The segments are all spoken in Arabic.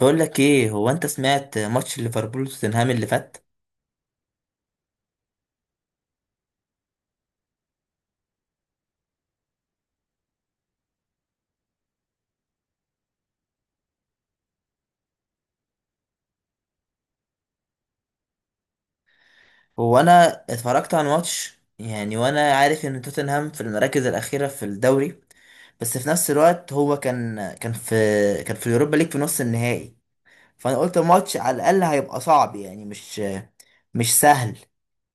بقول لك ايه؟ هو انت سمعت ماتش ليفربول وتوتنهام اللي فات؟ هو انا اتفرجت على الماتش يعني، وانا عارف ان توتنهام في المراكز الاخيره في الدوري، بس في نفس الوقت هو كان في اليوروبا ليج في نص النهائي. فانا قلت الماتش على الاقل هيبقى صعب يعني، مش سهل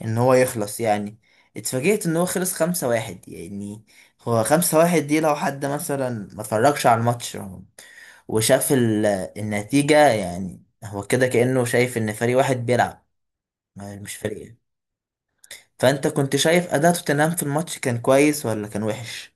ان هو يخلص يعني. اتفاجئت ان هو خلص 5-1 يعني. هو 5-1 دي لو حد مثلا ما اتفرجش على الماتش وشاف النتيجة، يعني هو كده كأنه شايف ان فريق واحد بيلعب مش فريقين. فانت كنت شايف اداء توتنهام في الماتش كان كويس ولا كان وحش؟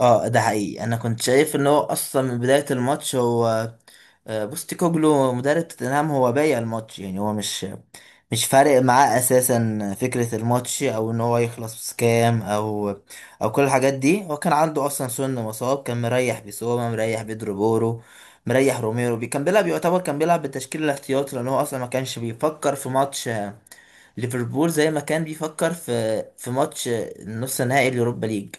اه، ده حقيقي، انا كنت شايف ان هو اصلا من بداية الماتش هو بوستيكوجلو مدرب توتنهام هو بايع الماتش يعني، هو مش فارق معاه اساسا فكرة الماتش او ان هو يخلص كام او كل الحاجات دي. هو كان عنده اصلا سن مصاب، كان مريح بيسوما، مريح بيدرو بورو، مريح روميرو، كان بيلعب يعتبر كان بيلعب بالتشكيل الاحتياطي لان هو اصلا ما كانش بيفكر في ماتش ليفربول زي ما كان بيفكر في ماتش نص نهائي اليوروبا ليج.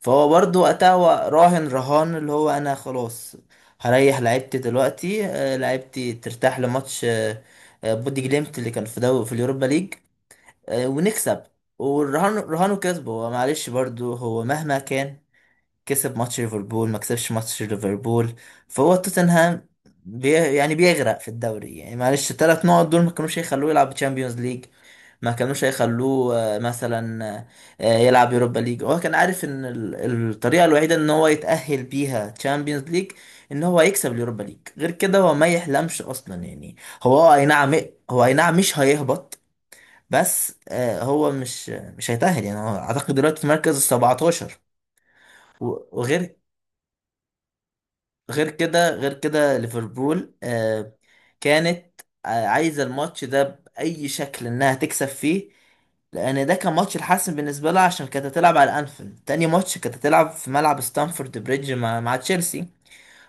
فهو برضو وقتها هو راهن رهان اللي هو انا خلاص هريح لعيبتي دلوقتي، لعيبتي ترتاح لماتش بودي جليمت اللي كان في دو في اليوروبا ليج ونكسب. والرهان رهانه كسبه. هو معلش، برضو هو مهما كان كسب ماتش ليفربول ما كسبش ماتش ليفربول، فهو توتنهام يعني بيغرق في الدوري يعني. معلش الثلاث نقط دول ما كانوش هيخلوه يلعب تشامبيونز ليج، ما كانوش هيخلوه مثلا يلعب يوروبا ليج. هو كان عارف ان الطريقه الوحيده ان هو يتأهل بيها تشامبيونز ليج ان هو يكسب اليوروبا ليج، غير كده هو ما يحلمش اصلا يعني. هو اي نعم هو اي نعم مش هيهبط، بس هو مش هيتأهل يعني، هو اعتقد دلوقتي في مركز 17. وغير غير كده ليفربول كانت عايزة الماتش ده بأي شكل إنها تكسب فيه، لأن ده كان ماتش الحاسم بالنسبة لها عشان كانت هتلعب على أنفيلد. تاني ماتش كانت هتلعب في ملعب ستانفورد بريدج مع تشيلسي،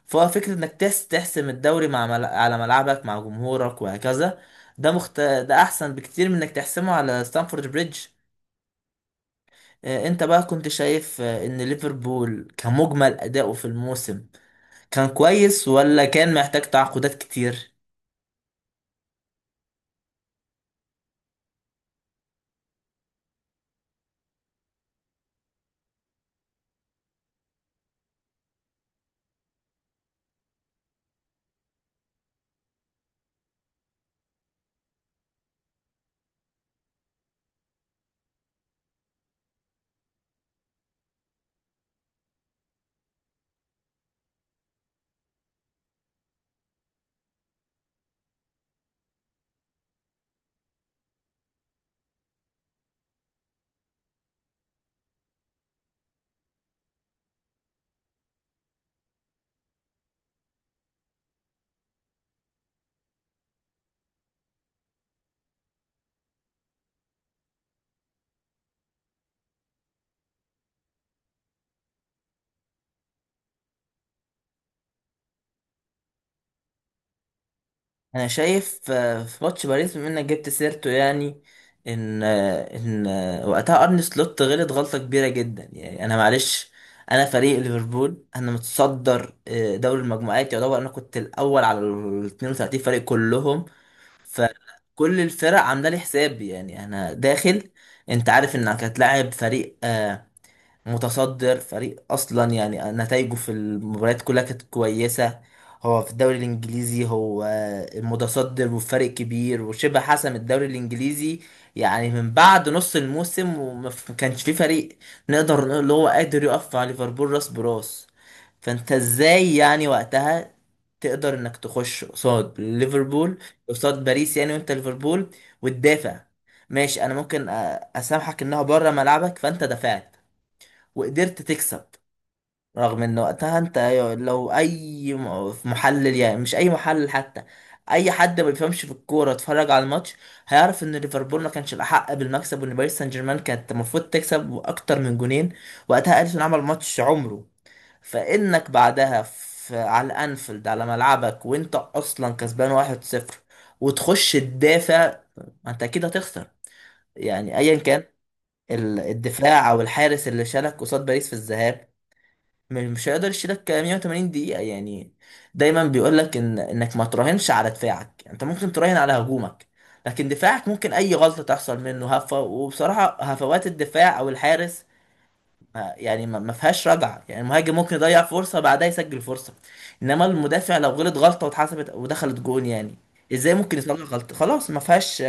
فهو فكرة إنك تحسم الدوري على ملعبك مع جمهورك وهكذا. ده أحسن بكتير من إنك تحسمه على ستانفورد بريدج. أنت بقى كنت شايف إن ليفربول كمجمل أداؤه في الموسم كان كويس ولا كان محتاج تعاقدات كتير؟ انا شايف في ماتش باريس بما انك جبت سيرته يعني، ان آه، ان آه، وقتها ارني سلوت غلط غلطه كبيره جدا يعني. انا معلش، انا فريق ليفربول انا متصدر دوري المجموعات، يعتبر انا كنت الاول على ال 32 فريق كلهم، فكل الفرق عامله لي حساب يعني. انا داخل، انت عارف انك هتلاعب فريق متصدر، فريق اصلا يعني نتائجه في المباريات كلها كانت كويسه. هو في الدوري الانجليزي هو المتصدر وفرق كبير وشبه حسم الدوري الانجليزي، يعني من بعد نص الموسم، كانش في فريق نقدر نقول اللي هو قادر يقف مع ليفربول راس براس. فانت ازاي يعني وقتها تقدر انك تخش قصاد ليفربول قصاد باريس يعني، وانت ليفربول، وتدافع؟ ماشي، انا ممكن اسامحك انها بره ملعبك، فانت دفعت وقدرت تكسب، رغم ان وقتها انت لو اي محلل، يعني مش اي محلل حتى، اي حد ما بيفهمش في الكوره اتفرج على الماتش هيعرف ان ليفربول ما كانش الاحق بالمكسب، وان باريس سان جيرمان كانت المفروض تكسب باكتر من جونين. وقتها اليسون عمل ماتش عمره. فانك بعدها في على الانفيلد على ملعبك وانت اصلا كسبان 1-0، وتخش تدافع، ما انت اكيد هتخسر يعني. ايا كان الدفاع او الحارس اللي شالك قصاد باريس في الذهاب مش هيقدر يشيلك 180 دقيقة يعني. دايما بيقول لك ان انك ما تراهنش على دفاعك، يعني انت ممكن تراهن على هجومك لكن دفاعك ممكن اي غلطة تحصل منه هفة. وبصراحة هفوات الدفاع او الحارس، ما فيهاش رجعة يعني. المهاجم ممكن يضيع فرصة بعدها يسجل فرصة، انما المدافع لو غلط غلطة واتحسبت ودخلت جون يعني، ازاي ممكن يصلح غلطة؟ خلاص ما فيهاش،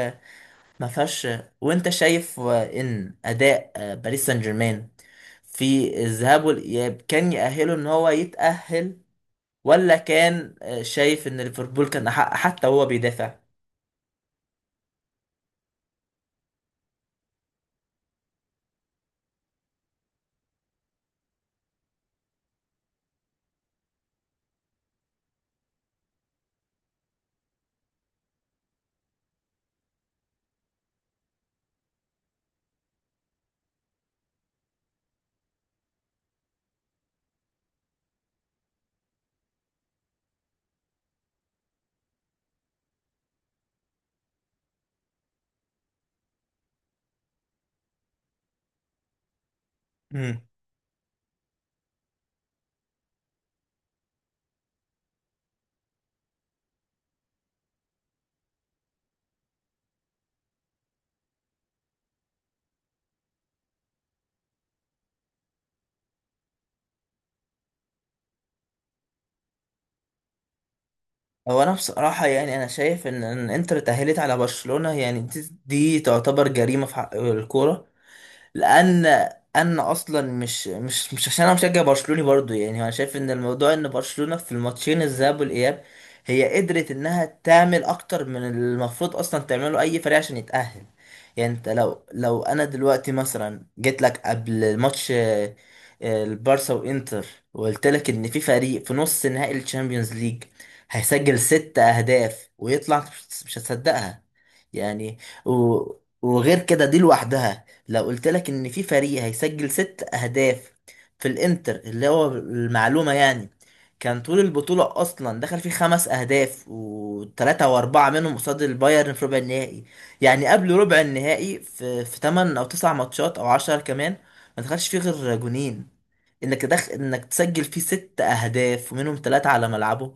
ما فيهاش. وانت شايف ان اداء باريس سان جيرمان في الذهاب والإياب كان يأهله إن هو يتأهل، ولا كان شايف إن ليفربول كان أحق حتى وهو بيدافع؟ امم، هو أنا بصراحة يعني أنا شايف إن إن إنتر اتأهلت على برشلونة، يعني دي تعتبر جريمة في حق الكورة، لان انا اصلا مش عشان انا مشجع برشلوني برضو يعني، انا شايف ان الموضوع ان برشلونة في الماتشين الذهاب والاياب هي قدرت انها تعمل اكتر من المفروض اصلا تعمله اي فريق عشان يتأهل. يعني انت لو انا دلوقتي مثلا جيت لك قبل ماتش البارسا وانتر، وقلت لك ان في فريق في نص نهائي الشامبيونز ليج هيسجل 6 اهداف ويطلع، مش هتصدقها يعني. و... وغير كده دي لوحدها، لو قلت لك ان في فريق هيسجل 6 اهداف في الانتر، اللي هو المعلومة يعني، كان طول البطولة اصلا دخل فيه 5 اهداف، وثلاثة واربعة منهم قصاد البايرن في ربع النهائي. يعني قبل ربع النهائي في 8 او 9 ماتشات او 10 كمان ما دخلش فيه غير جونين، انك دخل انك تسجل فيه 6 اهداف ومنهم 3 على ملعبه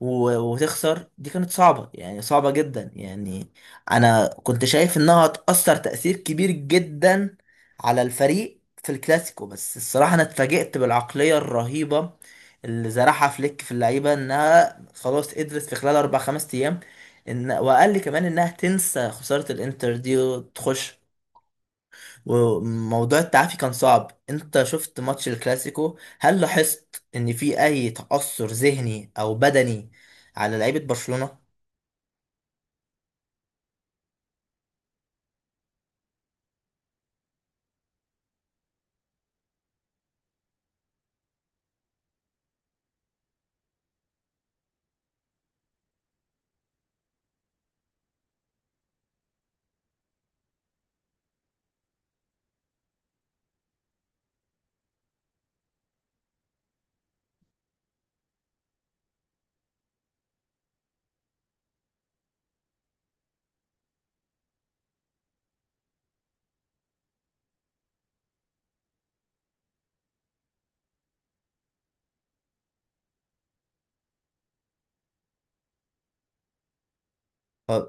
وتخسر، دي كانت صعبة يعني، صعبة جدا يعني. أنا كنت شايف إنها هتأثر تأثير كبير جدا على الفريق في الكلاسيكو، بس الصراحة أنا اتفاجئت بالعقلية الرهيبة اللي زرعها فليك في اللعيبة، إنها خلاص قدرت في خلال أربع خمس أيام إن، وقال لي كمان، إنها تنسى خسارة الإنتر دي وتخش. وموضوع التعافي كان صعب. انت شفت ماتش الكلاسيكو؟ هل لاحظت ان في اي تأثر ذهني او بدني على لعيبة برشلونة؟ اه،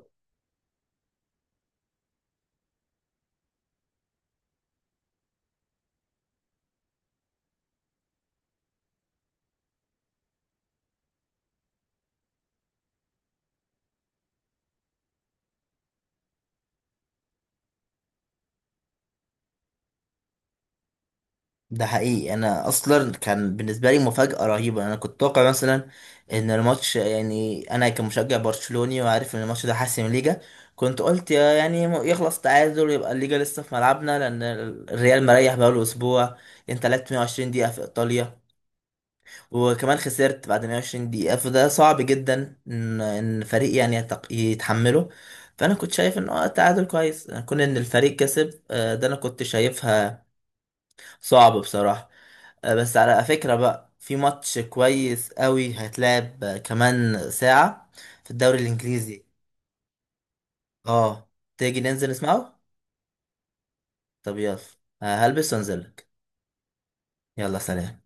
ده حقيقي، انا اصلا كان بالنسبة لي مفاجأة رهيبة. انا كنت اتوقع مثلا ان الماتش يعني، انا كمشجع برشلوني وعارف ان الماتش ده حاسم الليجا، كنت قلت يعني يخلص تعادل يبقى الليجا لسه في ملعبنا، لان الريال مريح بقاله اسبوع. انت لعبت 120 دقيقة في ايطاليا وكمان خسرت بعد 120 دقيقة، فده صعب جدا ان فريق يعني يتحمله. فانا كنت شايف ان اه التعادل كويس كون ان الفريق كسب. ده انا كنت شايفها صعب بصراحة. بس على فكرة بقى في ماتش كويس قوي هيتلعب كمان ساعة في الدوري الانجليزي. اه، تيجي ننزل نسمعه؟ طب يلا. هلبس وانزلك. يلا سلام.